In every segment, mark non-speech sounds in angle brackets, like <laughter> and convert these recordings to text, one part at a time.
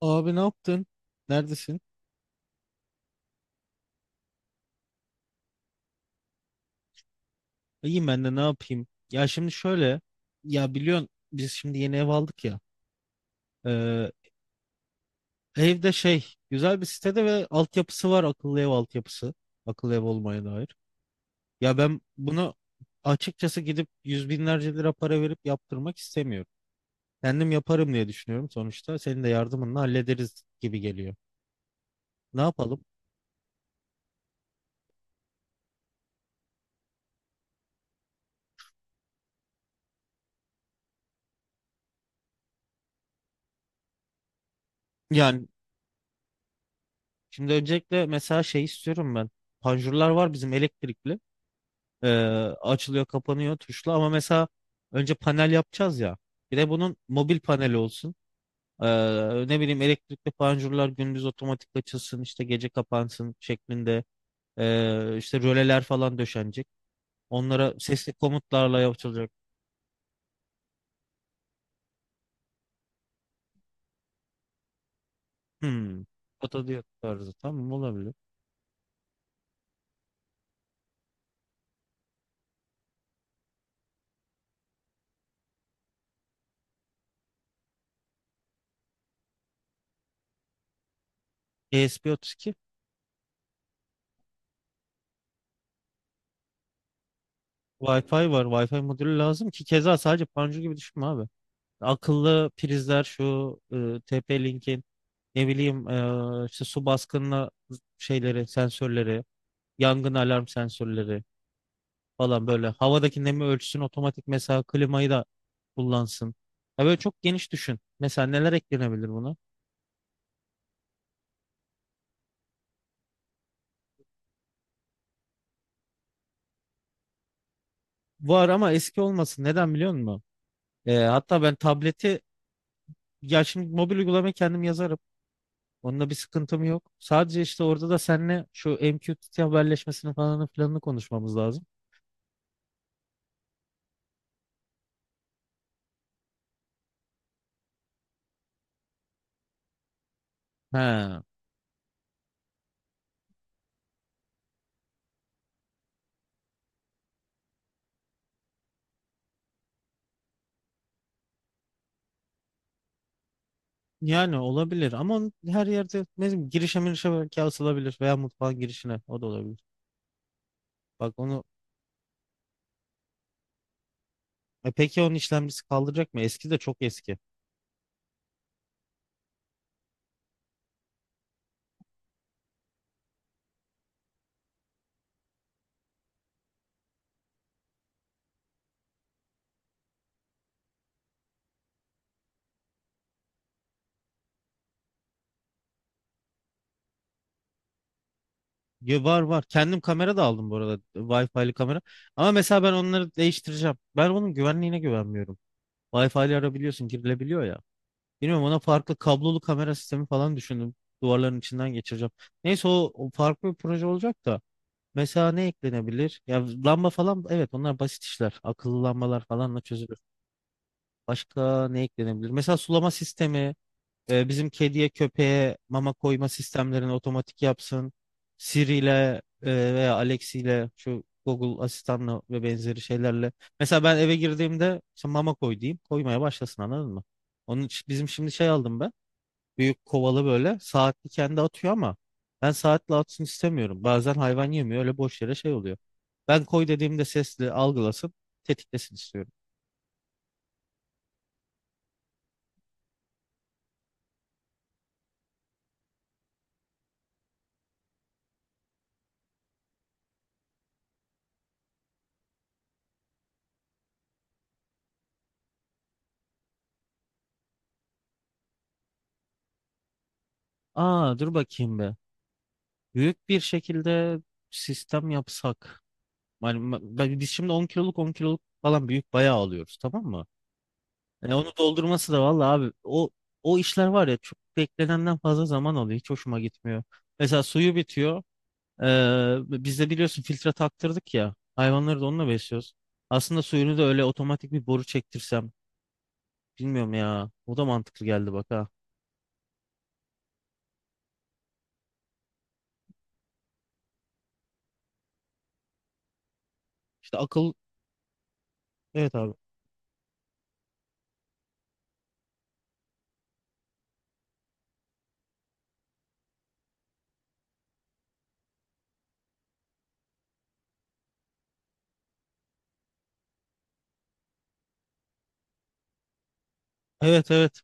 Abi ne yaptın? Neredesin? İyiyim ben de ne yapayım? Ya şimdi şöyle. Ya biliyorsun biz şimdi yeni ev aldık ya. Ee, evde güzel bir sitede ve altyapısı var, akıllı ev altyapısı. Akıllı ev olmaya dair. Ya ben bunu açıkçası gidip yüz binlerce lira para verip yaptırmak istemiyorum. Kendim yaparım diye düşünüyorum sonuçta. Senin de yardımınla hallederiz gibi geliyor. Ne yapalım? Yani şimdi öncelikle mesela şey istiyorum ben. Panjurlar var bizim elektrikli. Ee, açılıyor kapanıyor tuşla ama mesela önce panel yapacağız ya. Bir de bunun mobil paneli olsun. Ne bileyim elektrikli panjurlar gündüz otomatik açılsın işte gece kapansın şeklinde. İşte röleler falan döşenecek. Onlara sesli komutlarla yapılacak. Hmm. Otodiyot tarzı, tamam, olabilir. ESP32. Wi-Fi var. Wi-Fi modülü lazım ki keza sadece panjur gibi düşünme abi. Akıllı prizler şu TP-Link'in. Ne bileyim işte su baskınına şeyleri, sensörleri, yangın alarm sensörleri falan böyle. Havadaki nemi ölçsün, otomatik mesela klimayı da kullansın. Ya böyle çok geniş düşün. Mesela neler eklenebilir buna? Var ama eski olmasın. Neden biliyor musun? Hatta ben tableti, ya şimdi mobil uygulamayı kendim yazarım. Onunla bir sıkıntım yok. Sadece işte orada da seninle şu MQTT haberleşmesini falan filanını konuşmamız lazım. He. Yani olabilir ama onu her yerde ne bileyim girişe mirişe belki asılabilir veya mutfağın girişine o da olabilir. Bak onu, e, peki onun işlemcisi kaldıracak mı? Eski de çok eski. Ya var var. Kendim kamera da aldım bu arada. Wi-Fi'li kamera. Ama mesela ben onları değiştireceğim. Ben onun güvenliğine güvenmiyorum. Wi-Fi'li arabiliyorsun, girilebiliyor ya. Bilmiyorum, ona farklı kablolu kamera sistemi falan düşündüm. Duvarların içinden geçireceğim. Neyse o farklı bir proje olacak da. Mesela ne eklenebilir? Ya lamba falan, evet onlar basit işler. Akıllı lambalar falanla çözülür. Başka ne eklenebilir? Mesela sulama sistemi, e, bizim kediye köpeğe mama koyma sistemlerini otomatik yapsın. Siri ile, e, veya Alex ile şu Google asistanla ve benzeri şeylerle. Mesela ben eve girdiğimde işte mama koy diyeyim. Koymaya başlasın, anladın mı? Onun için bizim şimdi şey aldım ben. Büyük kovalı böyle saatli kendi atıyor ama ben saatli atsın istemiyorum. Bazen hayvan yemiyor, öyle boş yere şey oluyor. Ben koy dediğimde sesli algılasın, tetiklesin istiyorum. Aa dur bakayım be. Büyük bir şekilde sistem yapsak. Yani biz şimdi 10 kiloluk 10 kiloluk falan büyük bayağı alıyoruz, tamam mı? Yani onu doldurması da vallahi abi, o işler var ya, çok beklenenden fazla zaman alıyor. Hiç hoşuma gitmiyor. Mesela suyu bitiyor. Biz de biliyorsun filtre taktırdık ya. Hayvanları da onunla besliyoruz. Aslında suyunu da öyle otomatik bir boru çektirsem. Bilmiyorum ya. O da mantıklı geldi bak ha. İşte akıl. Evet abi. Evet evet.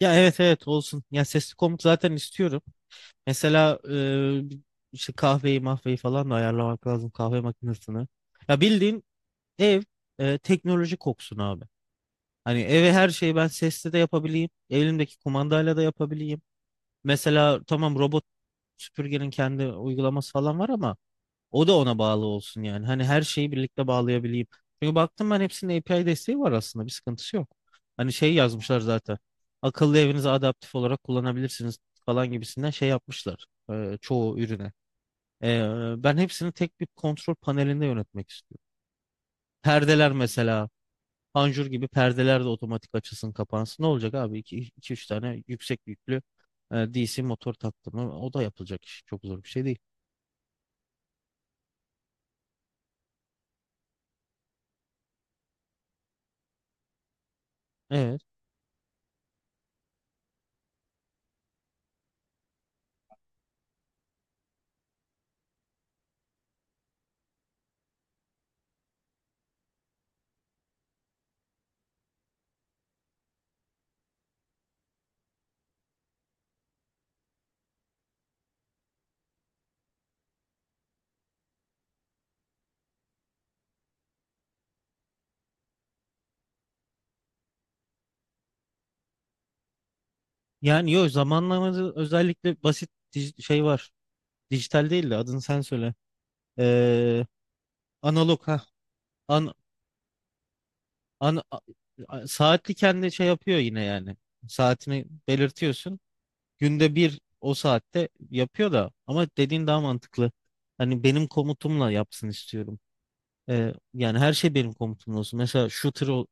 Ya evet evet olsun. Ya sesli komut zaten istiyorum. Mesela, e, işte kahveyi mahveyi falan da ayarlamak lazım, kahve makinesini. Ya bildiğin ev, e, teknoloji koksun abi. Hani eve her şeyi ben sesli de yapabileyim. Elimdeki kumandayla da yapabileyim. Mesela tamam, robot süpürgenin kendi uygulaması falan var ama o da ona bağlı olsun yani. Hani her şeyi birlikte bağlayabileyim. Çünkü baktım ben hepsinin API desteği var aslında. Bir sıkıntısı yok. Hani şey yazmışlar zaten. Akıllı evinizi adaptif olarak kullanabilirsiniz falan gibisinden şey yapmışlar, çoğu ürüne. E, ben hepsini tek bir kontrol panelinde yönetmek istiyorum. Perdeler mesela. Panjur gibi perdeler de otomatik açılsın kapansın. Ne olacak abi? İki üç tane yüksek yüklü, e, DC motor taktım. O da yapılacak iş. Çok zor bir şey değil. Evet. Yani yok, zamanlamada özellikle basit şey var. Dijital değil de adını sen söyle. Ee, analog ha. An, an, a- saatli kendi şey yapıyor yine yani. Saatini belirtiyorsun. Günde bir o saatte yapıyor da, ama dediğin daha mantıklı. Hani benim komutumla yapsın istiyorum. Yani her şey benim komutumla olsun.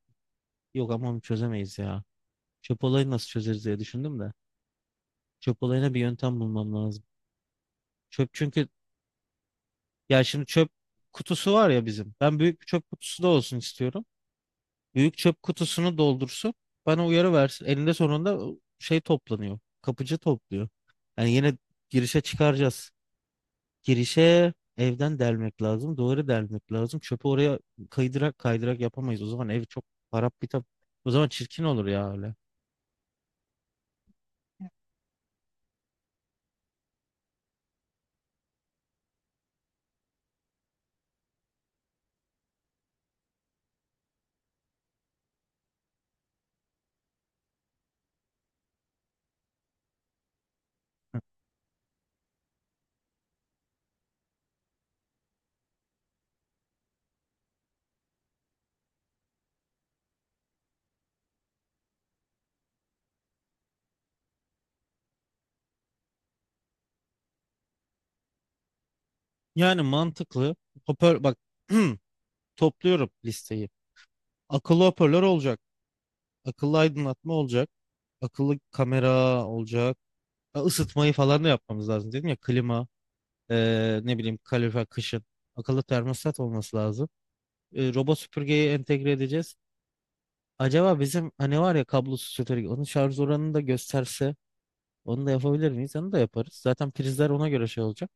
Yok ama onu çözemeyiz ya. Çöp olayı nasıl çözeriz diye düşündüm de. Çöp olayına bir yöntem bulmam lazım. Çöp çünkü, ya şimdi çöp kutusu var ya bizim. Ben büyük bir çöp kutusu da olsun istiyorum. Büyük çöp kutusunu doldursun. Bana uyarı versin. Elinde sonunda şey toplanıyor. Kapıcı topluyor. Yani yine girişe çıkaracağız. Kirişe evden delmek lazım. Duvarı delmek lazım. Çöpü oraya kaydırak kaydırak yapamayız. O zaman ev çok harap bitap. O zaman çirkin olur ya öyle. Yani mantıklı. Hoparlör bak, <clears throat> topluyorum listeyi. Akıllı hoparlör olacak. Akıllı aydınlatma olacak. Akıllı kamera olacak. Ha, Isıtmayı falan da yapmamız lazım dedim ya, klima, ne bileyim kalorifer kışın. Akıllı termostat olması lazım. E, robot süpürgeyi entegre edeceğiz. Acaba bizim hani var ya kablosuz süpürge, onun şarj oranını da gösterse onu da yapabilir miyiz? Onu da yaparız. Zaten prizler ona göre şey olacak.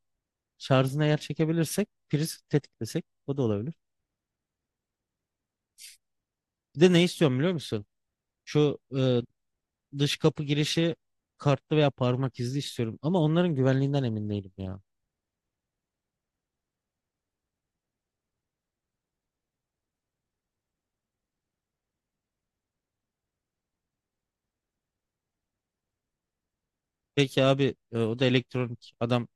Şarjını eğer çekebilirsek priz tetiklesek o da olabilir. Bir de ne istiyorum biliyor musun? Şu, e, dış kapı girişi kartlı veya parmak izli istiyorum. Ama onların güvenliğinden emin değilim ya. Peki abi, e, o da elektronik adam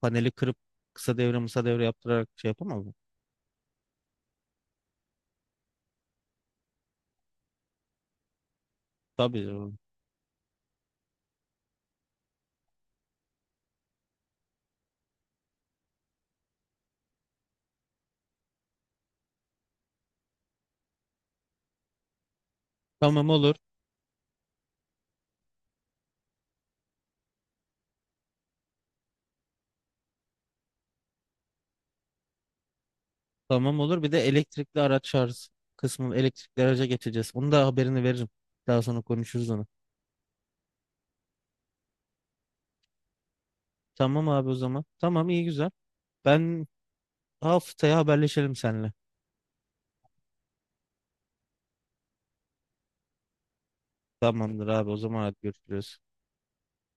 paneli kırıp kısa devre mısa devre yaptırarak şey yapamaz mı? Tabii. E, tamam olur. Tamam olur. Bir de elektrikli araç şarj kısmını, elektrikli araca geçeceğiz. Onu da haberini veririm. Daha sonra konuşuruz onu. Tamam abi o zaman. Tamam, iyi güzel. Ben haftaya haberleşelim seninle. Tamamdır abi o zaman, hadi görüşürüz.